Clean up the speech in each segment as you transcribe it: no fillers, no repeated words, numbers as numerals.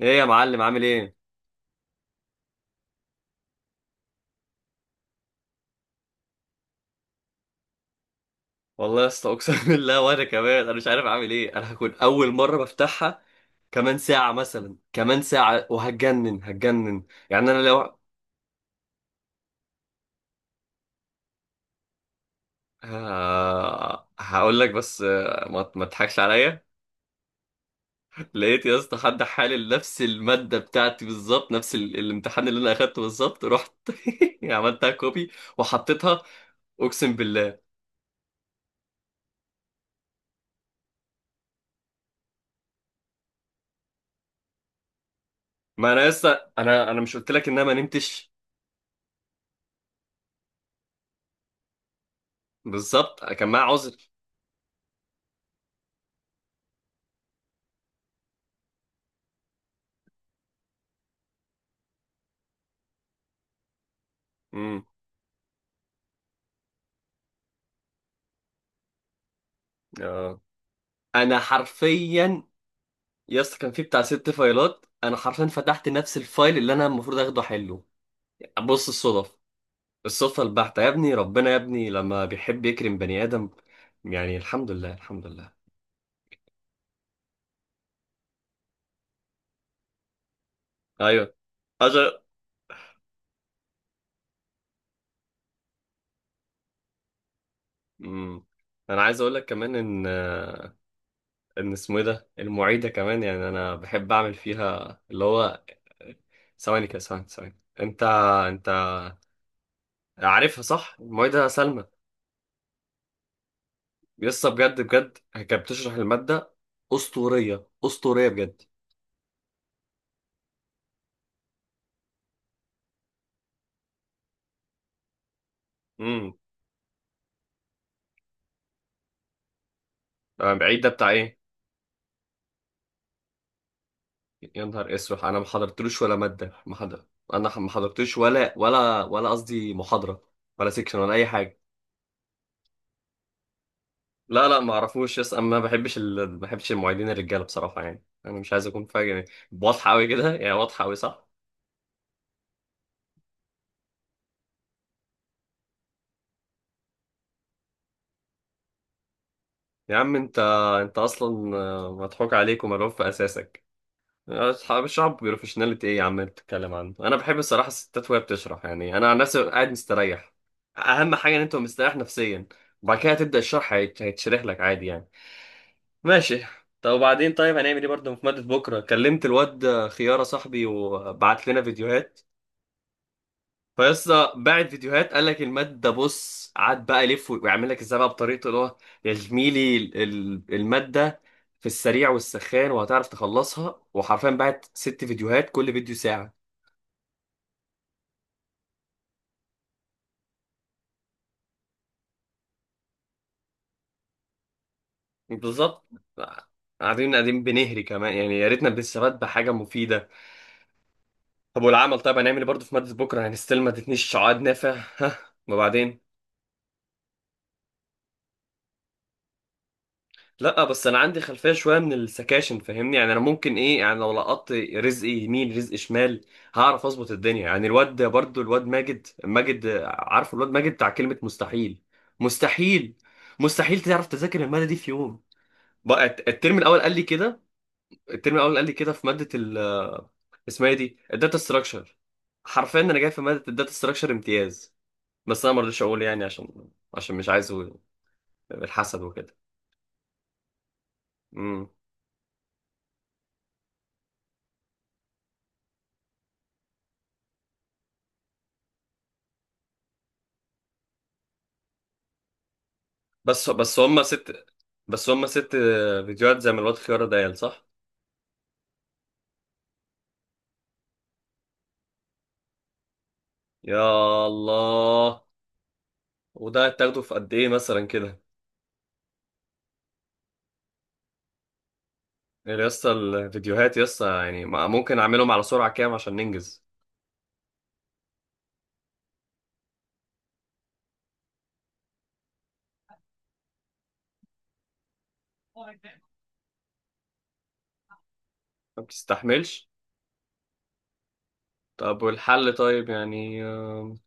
ايه يا معلم، عامل ايه؟ والله يا اسطى، اقسم بالله. وانا كمان انا مش عارف اعمل ايه. انا هكون اول مره بفتحها. كمان ساعه مثلا، كمان ساعه وهتجنن هتجنن. يعني انا لو هقول لك. بس ما تضحكش عليا. لقيت يا اسطى حد حالل نفس الماده بتاعتي بالظبط، نفس الامتحان اللي انا اخدته بالظبط. رحت عملتها كوبي وحطيتها. اقسم بالله. ما انا لسه، انا مش قلت لك ان انا ما نمتش؟ بالظبط كان معايا عذر. امم. انا حرفيا يا اسطى كان في بتاع 6 فايلات. انا حرفيا فتحت نفس الفايل اللي انا المفروض اخده حله. بص الصدفه البحته يا ابني. ربنا يا ابني لما بيحب يكرم بني ادم. يعني الحمد لله، الحمد لله. ايوه. اجل. امم. انا عايز اقول لك كمان ان اسمه ايه ده، المعيده كمان يعني انا بحب اعمل فيها اللي هو. ثواني كده، ثواني، ثواني. انت عارفها صح؟ المعيده سلمى. لسه، بجد بجد كانت بتشرح المادة. أسطورية أسطورية بجد. امم. أنا بعيد ده بتاع إيه؟ يا نهار أسود، أنا ما حضرتلوش ولا مادة، ما حضر. أنا ما حضرتلوش، ولا قصدي محاضرة، ولا سيكشن، ولا أي حاجة. لا لا، ما أعرفوش يس. أنا ما بحبش المعيدين الرجالة بصراحة. يعني أنا مش عايز أكون فاهم، يعني واضحة أوي كده، يعني واضحة أوي صح. يا عم أنت أصلا مضحوك عليك وملعوب في أساسك. اصحاب الشعب بروفيشناليتي ايه يا عم انت بتتكلم عنه؟ انا بحب الصراحه الستات وهي بتشرح. يعني انا عن نفسي ببقى قاعد مستريح. اهم حاجه ان انت مستريح نفسيا، وبعد كده تبدا الشرح هيتشرح لك عادي يعني. ماشي. طب وبعدين، طيب هنعمل ايه برضه في ماده بكره؟ كلمت الواد خياره صاحبي وبعت لنا فيديوهات. فيسطا باعت فيديوهات قال لك الماد ده، بص قعد بقى يلف ويعمل لك ازاي بقى بطريقته اللي هو. يا زميلي، الماده في السريع والسخان وهتعرف تخلصها. وحرفيا باعت 6 فيديوهات، كل فيديو ساعه. بالظبط. قاعدين قاعدين بنهري كمان، يعني يا ريتنا بنستفاد بحاجه مفيده. طب والعمل، طيب هنعمل ايه برضه في ماده بكره؟ يعني ستيل ما ادتنيش عقد نافع ها. وبعدين. لا، بس انا عندي خلفيه شويه من السكاشن، فاهمني؟ يعني انا ممكن ايه؟ يعني لو لقطت رزق يمين رزق شمال هعرف اظبط الدنيا. يعني الواد ده برضو، الواد ماجد عارف، الواد ماجد بتاع كلمه مستحيل. مستحيل. مستحيل تعرف تذاكر الماده دي في يوم. بقى الترم الاول قال لي كده. الترم الاول قال لي كده في ماده ال، اسمها إيه دي، الداتا ستراكشر. حرفيا انا جاي في ماده الداتا ستراكشر امتياز. بس انا ما رضيتش اقول يعني، عشان مش عايزه. الحسد وكده. بس بس هم ست بس هم 6 فيديوهات زي ما الواد خيارة دايل، صح؟ يا الله. وده هتاخده في قد ايه مثلا كده؟ يعني يا اسطى الفيديوهات يا اسطى، يعني ممكن اعملهم على سرعة كام عشان ننجز؟ ما بتستحملش. طب والحل، طيب يعني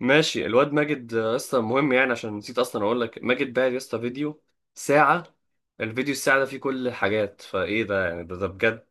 ماشي. الواد ماجد اصلا مهم، يعني عشان نسيت اصلا اقول لك ماجد باعت يا اسطى فيديو ساعة. الفيديو الساعة ده فيه كل الحاجات، فايه ده يعني، ده بجد.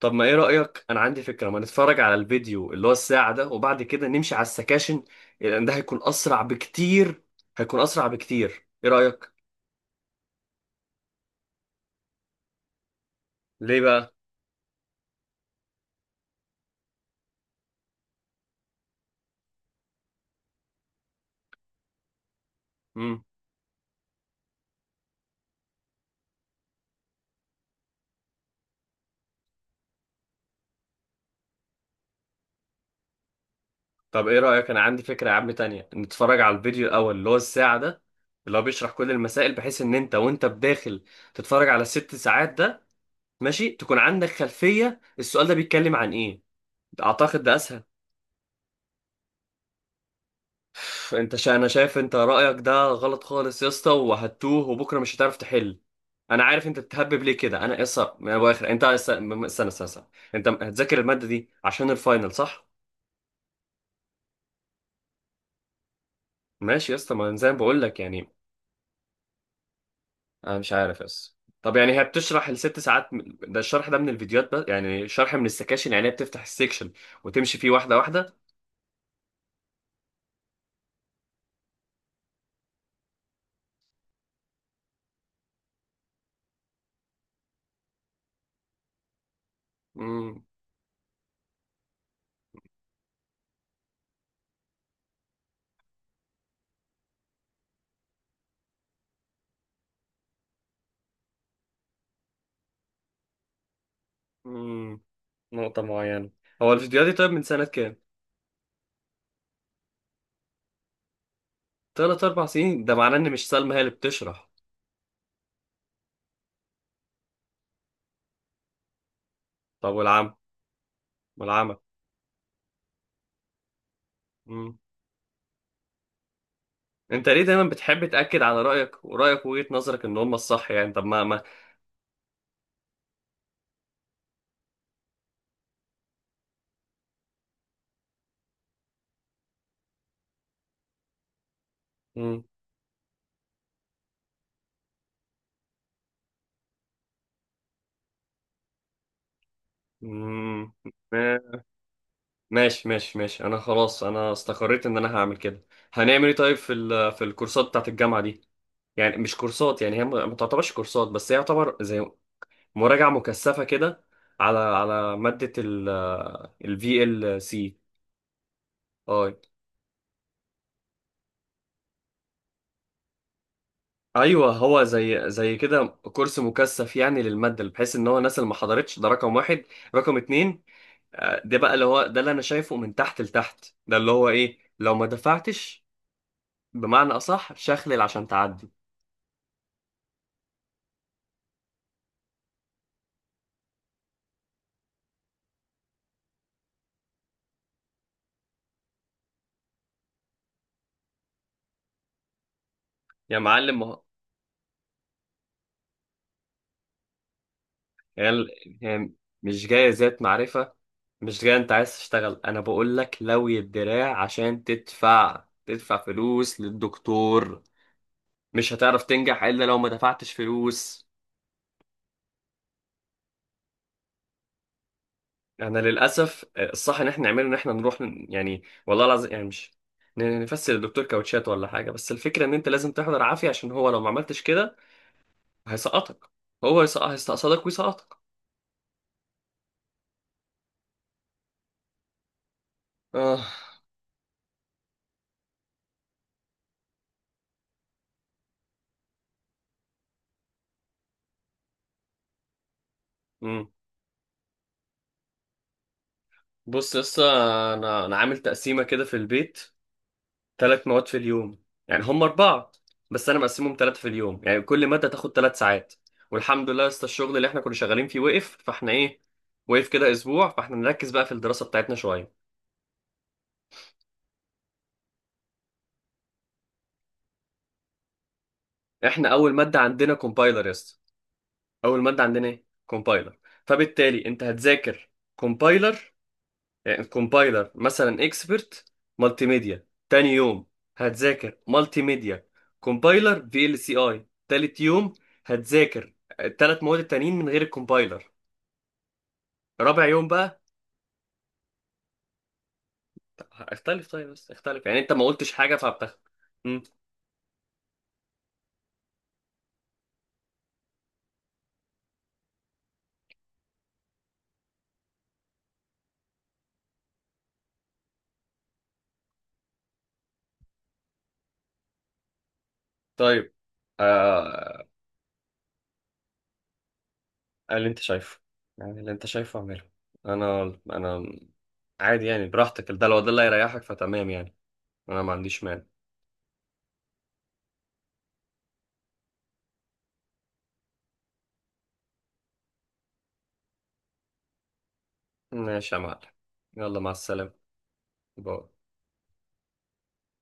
طب ما ايه رأيك، انا عندي فكرة: ما نتفرج على الفيديو اللي هو الساعة ده وبعد كده نمشي على السكاشن، لان ده هيكون اسرع بكتير. هيكون اسرع بكتير، ايه رأيك؟ ليه بقى؟ امم. طب ايه رأيك، انا عندي فكرة يا عم تانية: نتفرج على الفيديو الاول اللي هو الساعة ده، اللي هو بيشرح كل المسائل، بحيث ان انت وانت بداخل تتفرج على الست ساعات ده ماشي، تكون عندك خلفية السؤال ده بيتكلم عن ايه. اعتقد ده اسهل. انا شايف انت رأيك ده غلط خالص يا اسطى، وهتوه وبكرة مش هتعرف تحل. انا عارف انت بتهبب ليه كده. انا قصه من ابو اخر. انت استنى استنى استنى. انت هتذاكر الماده دي عشان الفاينل، صح؟ ماشي يا اسطى، ما أنا زي ما بقول لك يعني. انا مش عارف يا اسطى. طب يعني هي بتشرح الست ساعات، ده الشرح ده من الفيديوهات بس؟ يعني شرح من السكاشن، يعني هي بتفتح السكشن وتمشي فيه واحده واحده. امم. امم، نقطه معينه. هو الفيديوهات دي طيب من سنه كام؟ ثلاث اربع سنين؟ ده معناه ان مش سلمى هي اللي بتشرح. طب والعمى. انت ليه دايما بتحب تأكد على رأيك ورأيك وجهة نظرك ان هم الصح؟ يعني طب ما. مم. مم. ما- ماشي ماشي ماشي، انا خلاص، انا استقريت ان انا هعمل كده. هنعمل ايه طيب في الكورسات بتاعت الجامعة دي؟ يعني مش كورسات، يعني هي ما تعتبرش كورسات، بس هي يعتبر زي مراجعة مكثفة كده على مادة ال VLC. اه. ايوه هو زي كده كورس مكثف يعني للمادة، بحيث ان هو الناس اللي ما حضرتش، ده رقم واحد. رقم اتنين، ده بقى اللي هو، ده اللي انا شايفه من تحت لتحت، ده اللي هو ايه لو ما دفعتش، بمعنى اصح شخلل عشان تعدي. يا معلم ما هو- هي ال- هي مش جايه ذات معرفه. مش جايه انت عايز تشتغل. انا بقول لك لوي الدراع عشان تدفع فلوس للدكتور. مش هتعرف تنجح الا لو ما دفعتش فلوس. انا للاسف الصح ان احنا نعمله ان احنا نروح يعني والله العظيم يعني مش نفسر للدكتور كاوتشات ولا حاجه. بس الفكره ان انت لازم تحضر عافيه، عشان هو لو ما عملتش كده هيسقطك. هو هيستقصدك ويسقطك. اه. امم. بص لسه، انا عامل تقسيمه كده في البيت: 3 مواد في اليوم. يعني هم 4 بس انا مقسمهم 3 في اليوم، يعني كل ماده تاخد 3 ساعات. والحمد لله لسه الشغل اللي احنا كنا شغالين فيه وقف، فاحنا ايه، وقف كده اسبوع، فاحنا نركز بقى في الدراسه بتاعتنا شويه. احنا اول ماده عندنا كومبايلر يا اسطى، اول ماده عندنا ايه، كومبايلر. فبالتالي انت هتذاكر كومبايلر. يعني الكومبايلر مثلا اكسبرت، مالتي ميديا تاني يوم هتذاكر مالتي ميديا، كومبايلر في ال سي اي تالت يوم. هتذاكر التلات مواد التانيين من غير الكومبايلر. رابع يوم بقى. اختلف طيب بس اختلف يعني انت ما قلتش حاجة فبتاخد. مم. طيب آه... اللي انت شايفه، يعني اللي انت شايفه اعمله. انا عادي يعني، براحتك، ده لو ده اللي هيريحك فتمام يعني. انا ما عنديش مانع. ماشي يا معلم، يلا مع السلامة. باي.